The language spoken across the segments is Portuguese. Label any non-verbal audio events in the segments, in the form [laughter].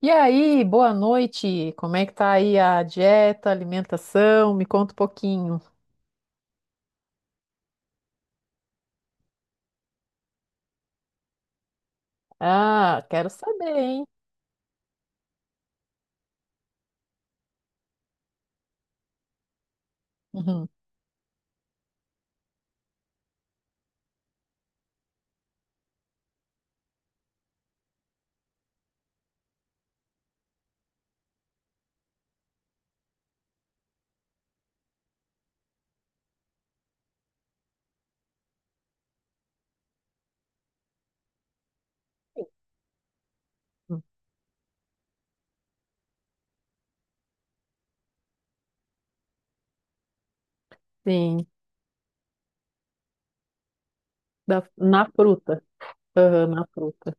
E aí, boa noite. Como é que tá aí a dieta, alimentação? Me conta um pouquinho. Ah, quero saber, hein? [laughs] Uhum. Sim, na fruta. Aham, na fruta.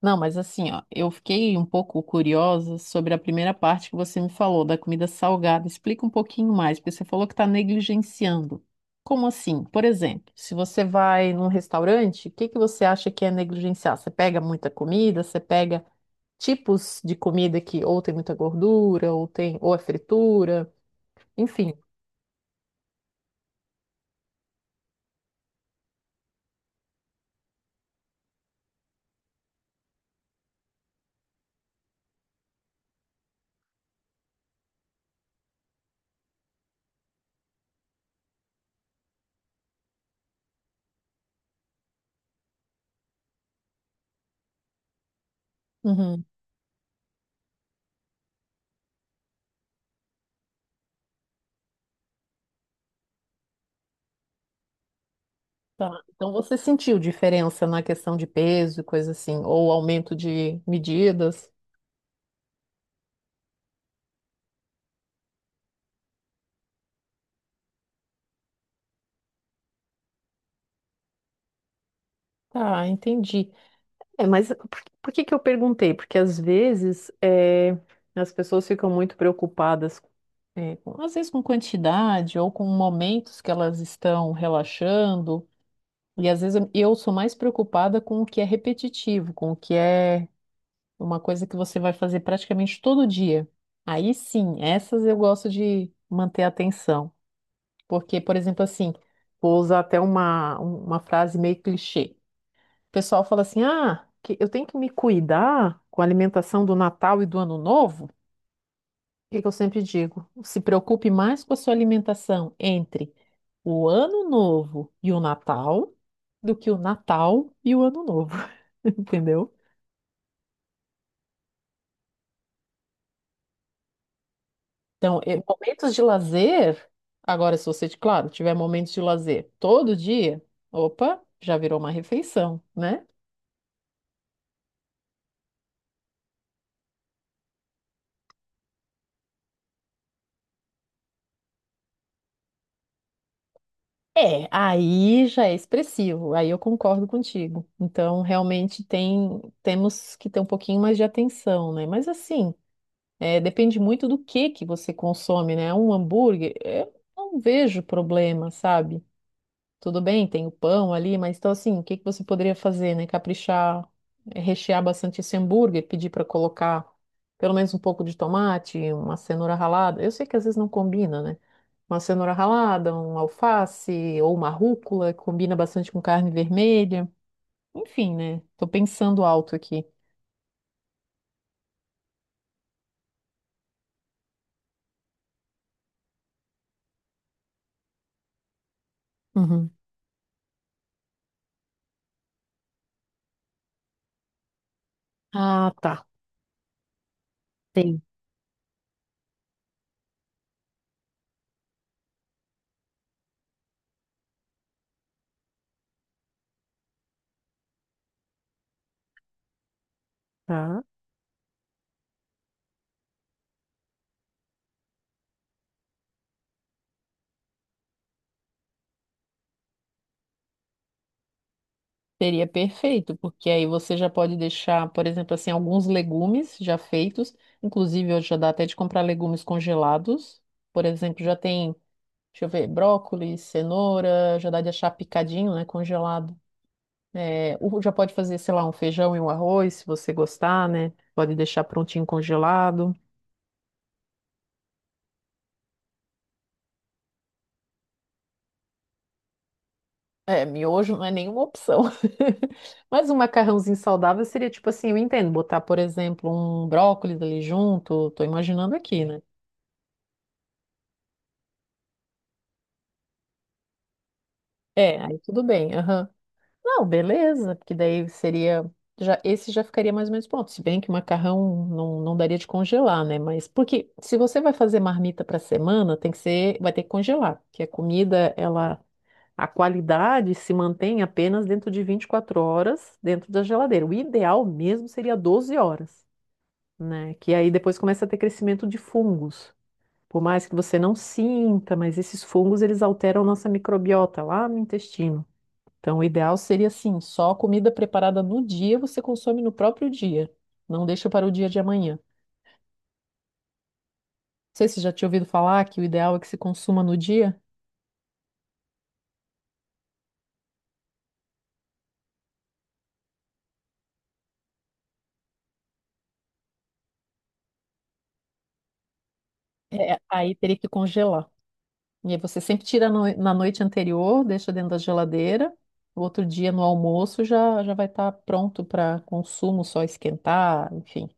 Não, mas assim, ó, eu fiquei um pouco curiosa sobre a primeira parte que você me falou da comida salgada. Explica um pouquinho mais, porque você falou que está negligenciando. Como assim? Por exemplo, se você vai num restaurante, o que que você acha que é negligenciar? Você pega muita comida? Você pega tipos de comida que ou tem muita gordura, ou tem, ou é fritura, enfim. Uhum, tá. Então você sentiu diferença na questão de peso, e coisa assim, ou aumento de medidas? Tá, entendi. É, mas por que que eu perguntei? Porque às vezes é, as pessoas ficam muito preocupadas, é, às vezes com quantidade ou com momentos que elas estão relaxando. E às vezes eu sou mais preocupada com o que é repetitivo, com o que é uma coisa que você vai fazer praticamente todo dia. Aí sim, essas eu gosto de manter a atenção. Porque, por exemplo, assim, vou usar até uma frase meio clichê. O pessoal fala assim: ah, que eu tenho que me cuidar com a alimentação do Natal e do Ano Novo. O que que eu sempre digo? Se preocupe mais com a sua alimentação entre o Ano Novo e o Natal do que o Natal e o Ano Novo. [laughs] Entendeu? Então, momentos de lazer. Agora, se você, claro, tiver momentos de lazer todo dia, opa, já virou uma refeição, né? É, aí já é expressivo, aí eu concordo contigo. Então, realmente temos que ter um pouquinho mais de atenção, né? Mas assim, é, depende muito do que você consome, né? Um hambúrguer, eu não vejo problema, sabe? Tudo bem, tem o pão ali, mas então assim, o que que você poderia fazer, né? Caprichar, rechear bastante esse hambúrguer, pedir para colocar pelo menos um pouco de tomate, uma cenoura ralada. Eu sei que às vezes não combina, né? Uma cenoura ralada, um alface ou uma rúcula, que combina bastante com carne vermelha. Enfim, né? Tô pensando alto aqui. Uhum. Ah, tá. Tem, tá? Seria perfeito, porque aí você já pode deixar, por exemplo, assim, alguns legumes já feitos. Inclusive, hoje já dá até de comprar legumes congelados. Por exemplo, já tem, deixa eu ver, brócolis, cenoura, já dá de achar picadinho, né, congelado. É, já pode fazer, sei lá, um feijão e um arroz, se você gostar, né? Pode deixar prontinho congelado. É, miojo não é nenhuma opção. [laughs] Mas um macarrãozinho saudável seria tipo assim, eu entendo, botar, por exemplo, um brócolis ali junto, tô imaginando aqui, né? É, aí tudo bem. Aham. Não, beleza, porque daí seria. Já, esse já ficaria mais ou menos pronto. Se bem que o macarrão não daria de congelar, né? Mas porque se você vai fazer marmita para semana, tem que ser, vai ter que congelar, porque a comida, ela, a qualidade se mantém apenas dentro de 24 horas dentro da geladeira. O ideal mesmo seria 12 horas, né? Que aí depois começa a ter crescimento de fungos. Por mais que você não sinta, mas esses fungos eles alteram nossa microbiota lá no intestino. Então, o ideal seria assim, só comida preparada no dia você consome no próprio dia. Não deixa para o dia de amanhã. Não sei se você já tinha ouvido falar que o ideal é que se consuma no dia. É, aí teria que congelar. E aí você sempre tira na noite anterior, deixa dentro da geladeira. No outro dia, no almoço, já vai estar pronto para consumo, só esquentar, enfim.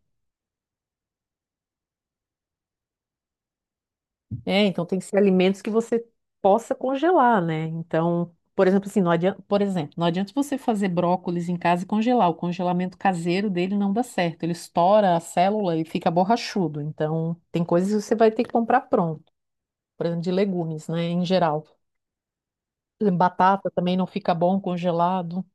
É, então tem que ser alimentos que você possa congelar, né? Então, por exemplo, assim, não adianta, por exemplo, não adianta você fazer brócolis em casa e congelar. O congelamento caseiro dele não dá certo. Ele estoura a célula e fica borrachudo. Então, tem coisas que você vai ter que comprar pronto. Por exemplo, de legumes, né? Em geral. Por exemplo, batata também não fica bom congelado.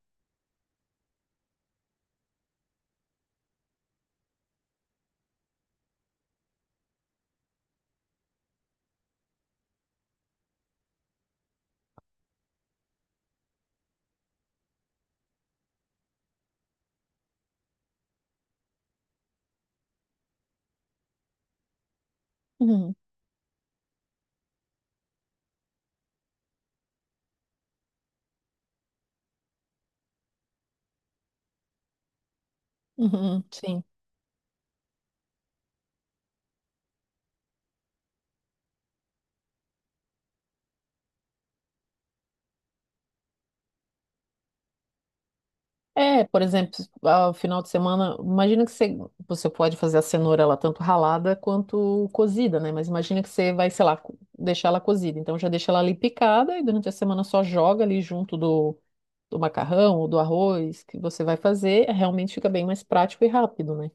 Uhum, uhum, sim. É, por exemplo, ao final de semana, imagina que você pode fazer a cenoura ela tanto ralada quanto cozida, né? Mas imagina que você vai, sei lá, deixar ela cozida. Então já deixa ela ali picada e durante a semana só joga ali junto do macarrão ou do arroz que você vai fazer. É, realmente fica bem mais prático e rápido, né?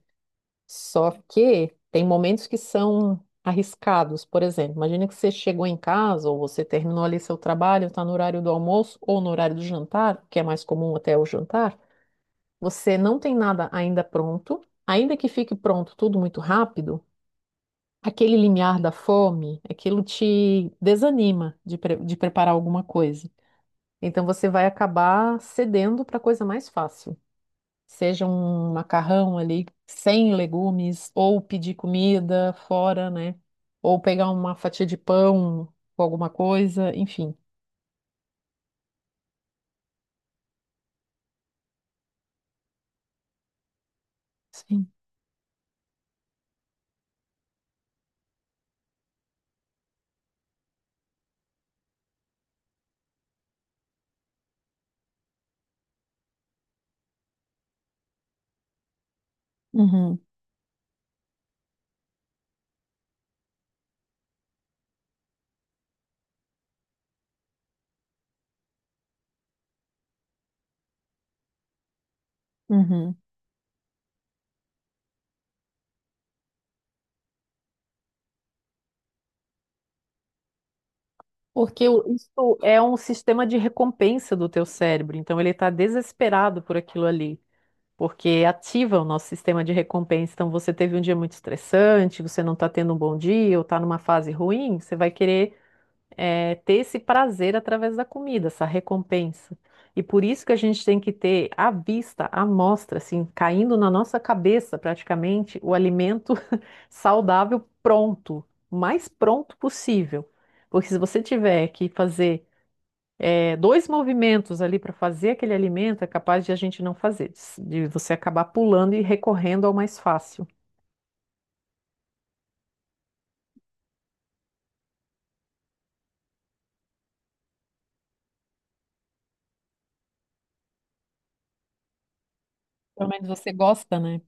Só que tem momentos que são arriscados. Por exemplo, imagina que você chegou em casa ou você terminou ali seu trabalho, está no horário do almoço ou no horário do jantar, que é mais comum até o jantar. Você não tem nada ainda pronto, ainda que fique pronto tudo muito rápido, aquele limiar da fome, aquilo te desanima de preparar alguma coisa. Então você vai acabar cedendo para coisa mais fácil, seja um macarrão ali sem legumes, ou pedir comida fora, né? Ou pegar uma fatia de pão com alguma coisa, enfim. Sim. Uhum, uhum. Porque isso é um sistema de recompensa do teu cérebro, então ele está desesperado por aquilo ali, porque ativa o nosso sistema de recompensa. Então você teve um dia muito estressante, você não está tendo um bom dia, ou está numa fase ruim, você vai querer ter esse prazer através da comida, essa recompensa. E por isso que a gente tem que ter à vista, à mostra, assim, caindo na nossa cabeça praticamente o alimento saudável pronto, o mais pronto possível. Porque se você tiver que fazer 2 movimentos ali para fazer aquele alimento, é capaz de a gente não fazer, de você acabar pulando e recorrendo ao mais fácil. Pelo menos você gosta, né?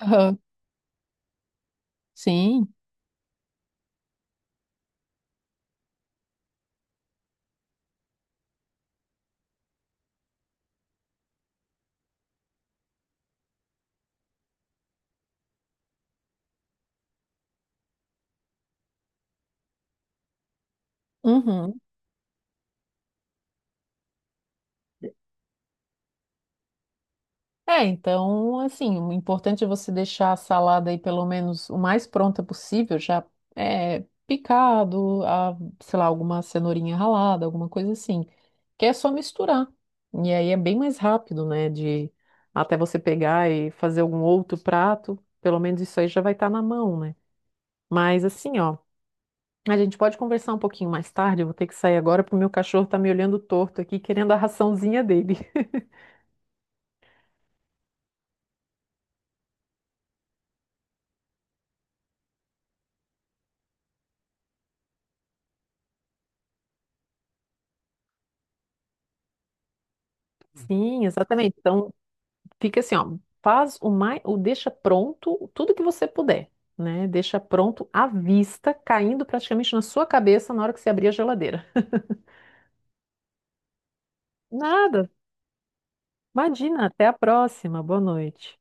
Aham. Sim. Uhum. É, então, assim, o importante é você deixar a salada aí pelo menos o mais pronta possível, já é, picado, a, sei lá, alguma cenourinha ralada, alguma coisa assim, que é só misturar. E aí é bem mais rápido, né, de até você pegar e fazer algum outro prato, pelo menos isso aí já vai estar na mão, né? Mas assim, ó, a gente pode conversar um pouquinho mais tarde, eu vou ter que sair agora porque o meu cachorro tá me olhando torto aqui, querendo a raçãozinha dele. [laughs] Sim, exatamente. Então, fica assim, ó, faz o mais, o deixa pronto tudo que você puder, né? Deixa pronto à vista, caindo praticamente na sua cabeça na hora que você abrir a geladeira. Nada. Imagina, até a próxima. Boa noite.